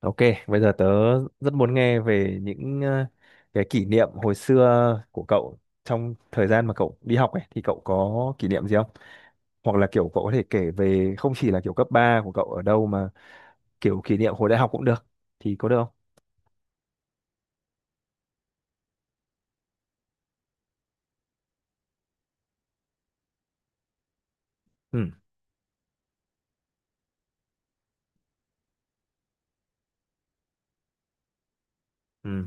Ok, bây giờ tớ rất muốn nghe về những cái kỷ niệm hồi xưa của cậu trong thời gian mà cậu đi học ấy, thì cậu có kỷ niệm gì không? Hoặc là kiểu cậu có thể kể về không chỉ là kiểu cấp 3 của cậu ở đâu mà kiểu kỷ niệm hồi đại học cũng được, thì có được không? Ừ. Ừ.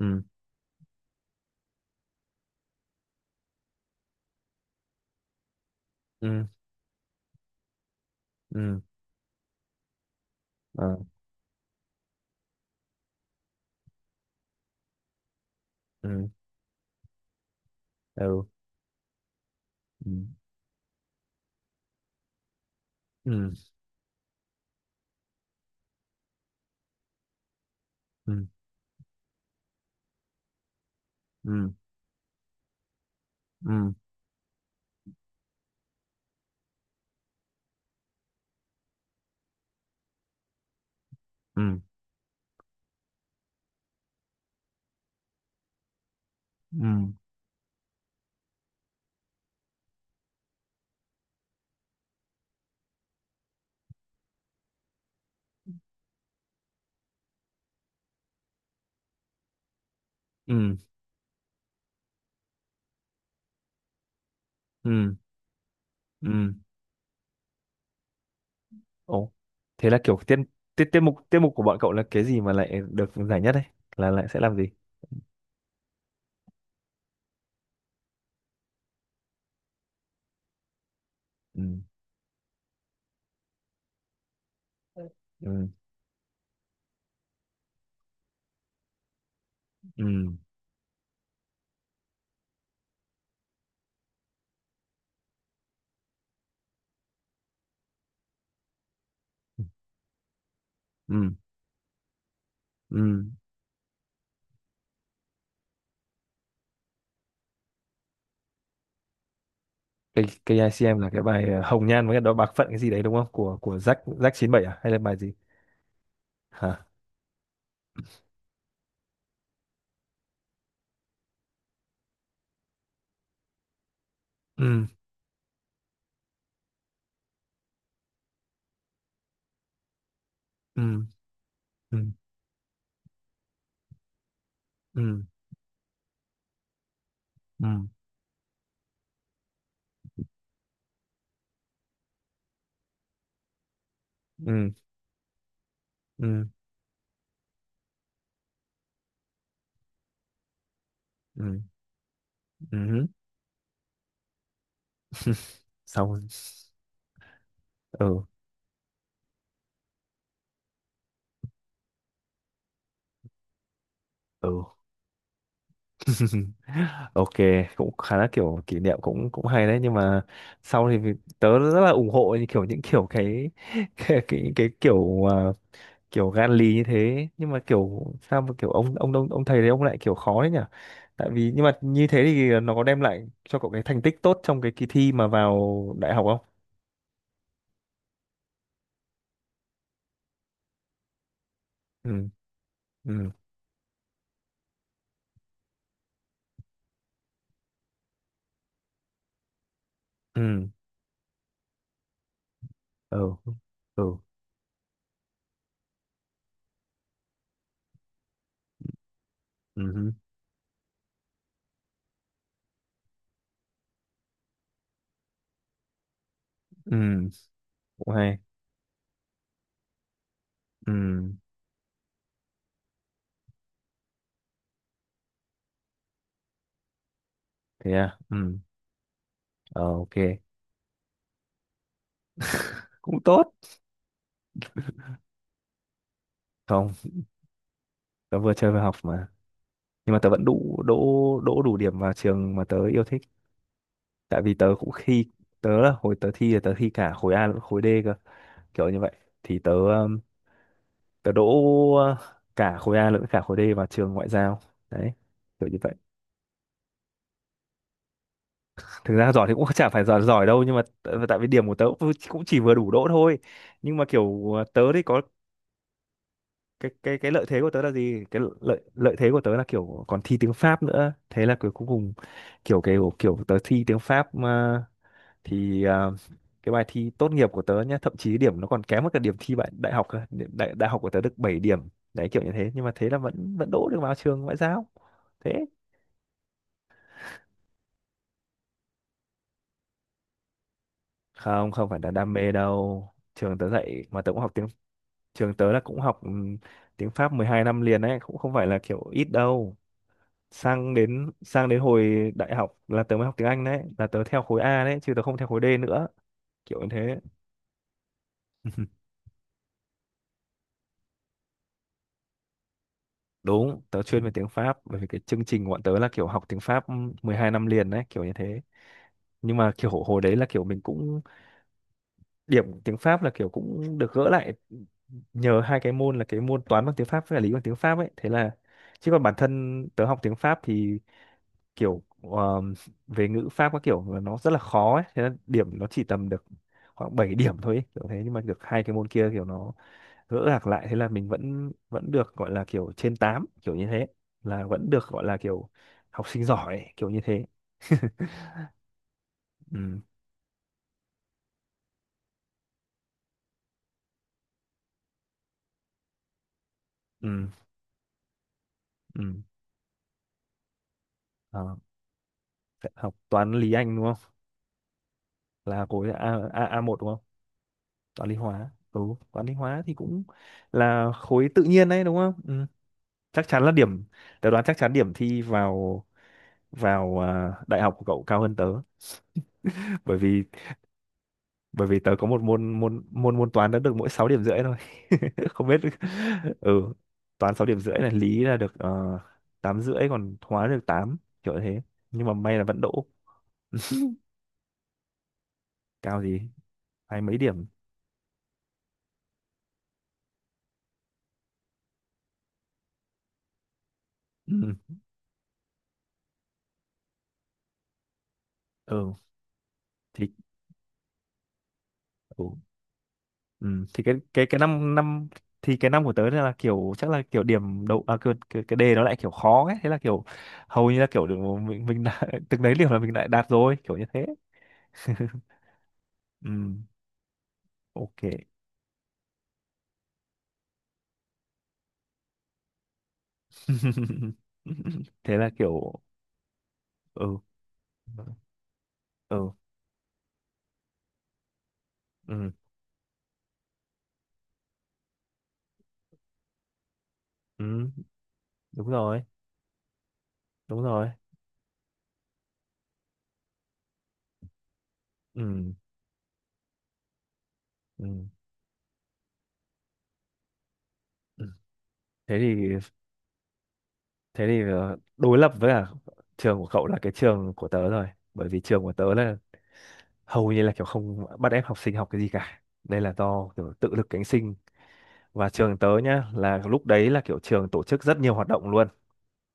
Ừ. Ừ. Ừ. Ờ. Ừ. Ừ. Ừ. Ừ. Ừ. Ừ. Ừ. Ừ. Ừ. Ừ. Ừ. Ừ. Ồ. Thế là kiểu tiết tiết tiết mục của bọn cậu là cái gì mà lại được giải nhất đấy? Là lại sẽ làm gì? Ừ. Ừ. Ừ. Ừ. Ừ. Cái ICM là cái bài Hồng Nhan với cái đó Bạc Phận cái gì đấy đúng không? Của Jack Jack 97, à hay là bài gì? Hả? Ừ. Ừ. Ừ. Ừ. Ừ. Ừ. Ừ. Ừ. Ừ. Xong. Ừ. Ừ. Ok, cũng khá là kiểu kỷ niệm cũng cũng hay đấy, nhưng mà sau thì tớ rất là ủng hộ những kiểu cái cái kiểu kiểu gan lì như thế, nhưng mà kiểu sao mà kiểu ông thầy đấy ông lại kiểu khó đấy nhỉ? Tại vì nhưng mà như thế thì nó có đem lại cho cậu cái thành tích tốt trong cái kỳ thi mà vào đại học không? Ừ. Ừ. Ừ. Ừ. Ừ. Ừ. Ừ. Ừ, cũng hay. Ừ. Thế à. Ừ. Ờ, ok, cũng tốt. Không, tớ vừa chơi vừa học mà, nhưng mà tớ vẫn đủ đỗ, đỗ đủ điểm vào trường mà tớ yêu thích. Tại vì tớ cũng khi tớ là hồi tớ thi là tớ thi cả khối A lẫn khối D cơ, kiểu như vậy. Thì tớ tớ đỗ uh, cả khối A lẫn cả khối D vào trường ngoại giao, đấy, kiểu như vậy. Thực ra giỏi thì cũng chả phải giỏi giỏi đâu nhưng mà tại vì điểm của tớ cũng cũng chỉ vừa đủ đỗ thôi, nhưng mà kiểu tớ thì có cái lợi thế của tớ là gì, cái lợi lợi thế của tớ là kiểu còn thi tiếng Pháp nữa, thế là cuối cùng kiểu cái kiểu tớ thi tiếng Pháp, thì à, cái bài thi tốt nghiệp của tớ nhá, thậm chí điểm nó còn kém hơn cả điểm thi bạn đại học cơ. Đại đại học của tớ được 7 điểm, đấy kiểu như thế, nhưng mà thế là vẫn vẫn đỗ được vào trường ngoại giao. Thế. Không, không phải là đam mê đâu. Trường tớ dạy mà tớ cũng học tiếng, trường tớ là cũng học tiếng Pháp 12 năm liền đấy, cũng không phải là kiểu ít đâu. Sang đến hồi đại học là tớ mới học tiếng Anh, đấy là tớ theo khối A đấy chứ tớ không theo khối D nữa, kiểu như thế. Đúng, tớ chuyên về tiếng Pháp bởi vì cái chương trình của bọn tớ là kiểu học tiếng Pháp 12 năm liền đấy, kiểu như thế. Nhưng mà kiểu hồi đấy là kiểu mình cũng, điểm tiếng Pháp là kiểu cũng được gỡ lại nhờ hai cái môn là cái môn toán bằng tiếng Pháp với cả lý bằng tiếng Pháp ấy. Thế là, chứ còn bản thân tớ học tiếng Pháp thì kiểu về ngữ Pháp các kiểu là nó rất là khó ấy, thế là điểm nó chỉ tầm được khoảng 7 điểm thôi ấy, kiểu thế. Nhưng mà được hai cái môn kia kiểu nó gỡ gạc lại, thế là mình vẫn vẫn được gọi là kiểu trên tám, kiểu như thế, là vẫn được gọi là kiểu học sinh giỏi kiểu như thế. Ừ. Ừ. Ừ. Đó. Học toán lý anh đúng không, là khối A, A A1 đúng không. Toán lý hóa. Ừ. Toán lý hóa thì cũng là khối tự nhiên đấy đúng không. Ừ. Chắc chắn là điểm, tớ đoán chắc chắn điểm thi vào, vào đại học của cậu cao hơn tớ bởi vì, bởi vì tớ có một môn môn môn môn toán đã được mỗi 6,5 điểm thôi. Không biết. Ừ. Toán 6,5 điểm này, lý là được 8 rưỡi, còn hóa được tám, kiểu thế, nhưng mà may là vẫn đỗ. Cao gì, hai mấy điểm. Ừ. Ừ. Thì. Ừ. Ừ. Thì cái cái cái năm năm, thì cái năm của tớ là kiểu chắc là kiểu điểm đầu à, cái đề nó lại kiểu khó ấy, thế là kiểu hầu như là kiểu được mình đã, từng đấy điểm là mình lại đạt rồi, kiểu như thế. Ừ. Ok. Thế là kiểu. Ừ. Ừ. Ừ. Ừ. Đúng rồi. Đúng rồi. Ừ. Ừ. Ừ. thế thì thế thì đối lập với cả trường của cậu là cái trường của tớ rồi, bởi vì trường của tớ là hầu như là kiểu không bắt ép học sinh học cái gì cả, đây là do kiểu tự lực cánh sinh, và trường tớ nhá là lúc đấy là kiểu trường tổ chức rất nhiều hoạt động luôn,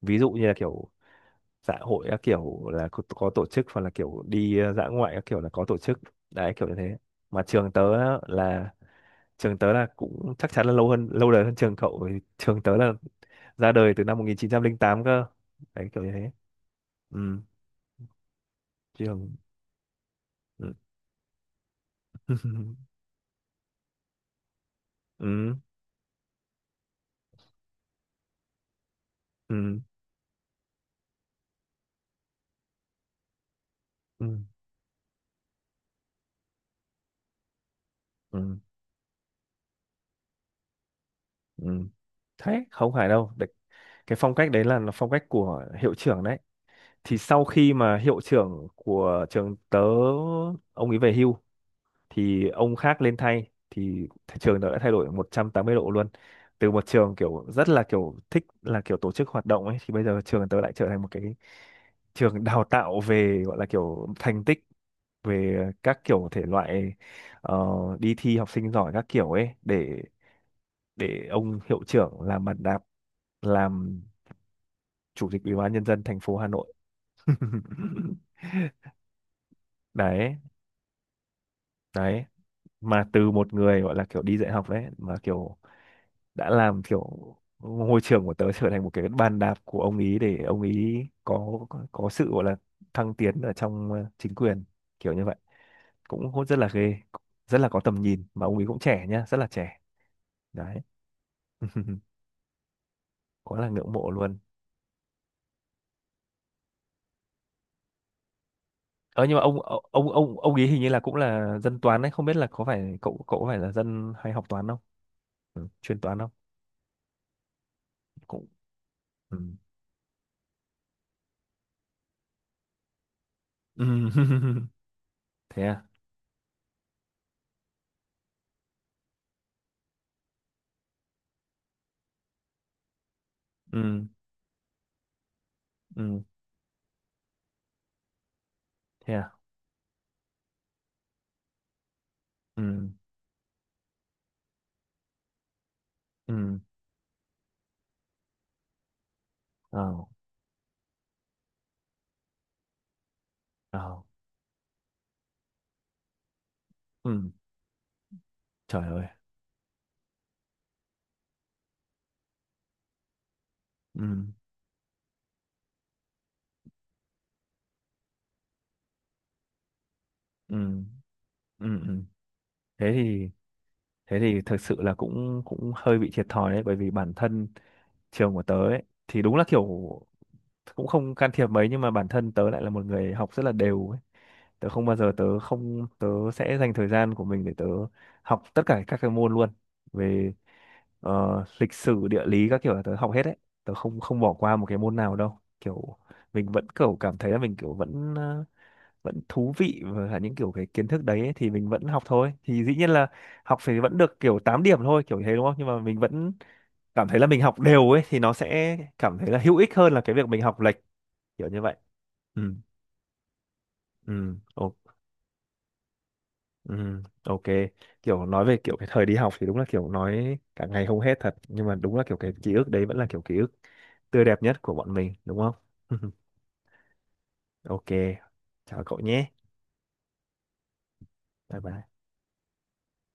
ví dụ như là kiểu xã hội các kiểu là có tổ chức, hoặc là kiểu đi dã ngoại các kiểu là có tổ chức, đấy kiểu như thế. Mà trường tớ á, là trường tớ là cũng chắc chắn là lâu hơn, lâu đời hơn trường cậu, vì trường tớ là ra đời từ năm 1908 cơ, đấy kiểu như thế. Ừ. Trường. Ừ. Ừ. Ừ. Ừ. Ừ. Ừ. Ừ. Thế không phải đâu. Đấy, cái phong cách đấy là, phong cách của hiệu trưởng đấy, thì sau khi mà hiệu trưởng của trường tớ ông ấy về hưu, thì ông khác lên thay thì thị trường nó đã thay đổi 180 độ luôn. Từ một trường kiểu rất là kiểu thích là kiểu tổ chức hoạt động ấy, thì bây giờ trường tớ lại trở thành một cái trường đào tạo về gọi là kiểu thành tích, về các kiểu thể loại ờ, đi thi học sinh giỏi các kiểu ấy, để ông hiệu trưởng làm bàn đạp, làm chủ tịch Ủy ban Nhân dân thành phố Hà Nội. Đấy. Đấy, mà từ một người gọi là kiểu đi dạy học đấy, mà kiểu đã làm kiểu ngôi trường của tớ trở thành một cái bàn đạp của ông ý, để ông ý có có sự gọi là thăng tiến ở trong chính quyền, kiểu như vậy, cũng hốt rất là ghê, rất là có tầm nhìn. Mà ông ý cũng trẻ nhá, rất là trẻ, đấy. Quá là ngưỡng mộ luôn. Ờ nhưng mà ông ý hình như là cũng là dân toán đấy, không biết là có phải cậu cậu có phải là dân hay học toán không, ừ, chuyên toán không. Cũng. Ừ. Ừ. Thế à. Ừ. Ừ. Thế à. Ừ. Ừ. Ờ. Ờ. Ừ. Trời ơi. Ừ. Ừ. Ừ. Ừ. thế thì Thế thì thực sự là cũng cũng hơi bị thiệt thòi đấy, bởi vì bản thân trường của tớ ấy thì đúng là kiểu cũng không can thiệp mấy, nhưng mà bản thân tớ lại là một người học rất là đều ấy. Tớ không bao giờ tớ không Tớ sẽ dành thời gian của mình để tớ học tất cả các cái môn luôn, về lịch sử, địa lý các kiểu là tớ học hết đấy, tớ không, không bỏ qua một cái môn nào đâu, kiểu mình vẫn kiểu cảm thấy là mình kiểu vẫn vẫn thú vị và cả những kiểu cái kiến thức đấy ấy, thì mình vẫn học thôi, thì dĩ nhiên là học phải vẫn được kiểu 8 điểm thôi kiểu thế đúng không, nhưng mà mình vẫn cảm thấy là mình học đều ấy thì nó sẽ cảm thấy là hữu ích hơn là cái việc mình học lệch, kiểu như vậy. Ừ. Ừ. Ok. Ừ, ok. Kiểu nói về kiểu cái thời đi học thì đúng là kiểu nói cả ngày không hết thật, nhưng mà đúng là kiểu cái ký ức đấy vẫn là kiểu ký ức tươi đẹp nhất của bọn mình đúng không. Ok, chào cậu nhé. Bye bye.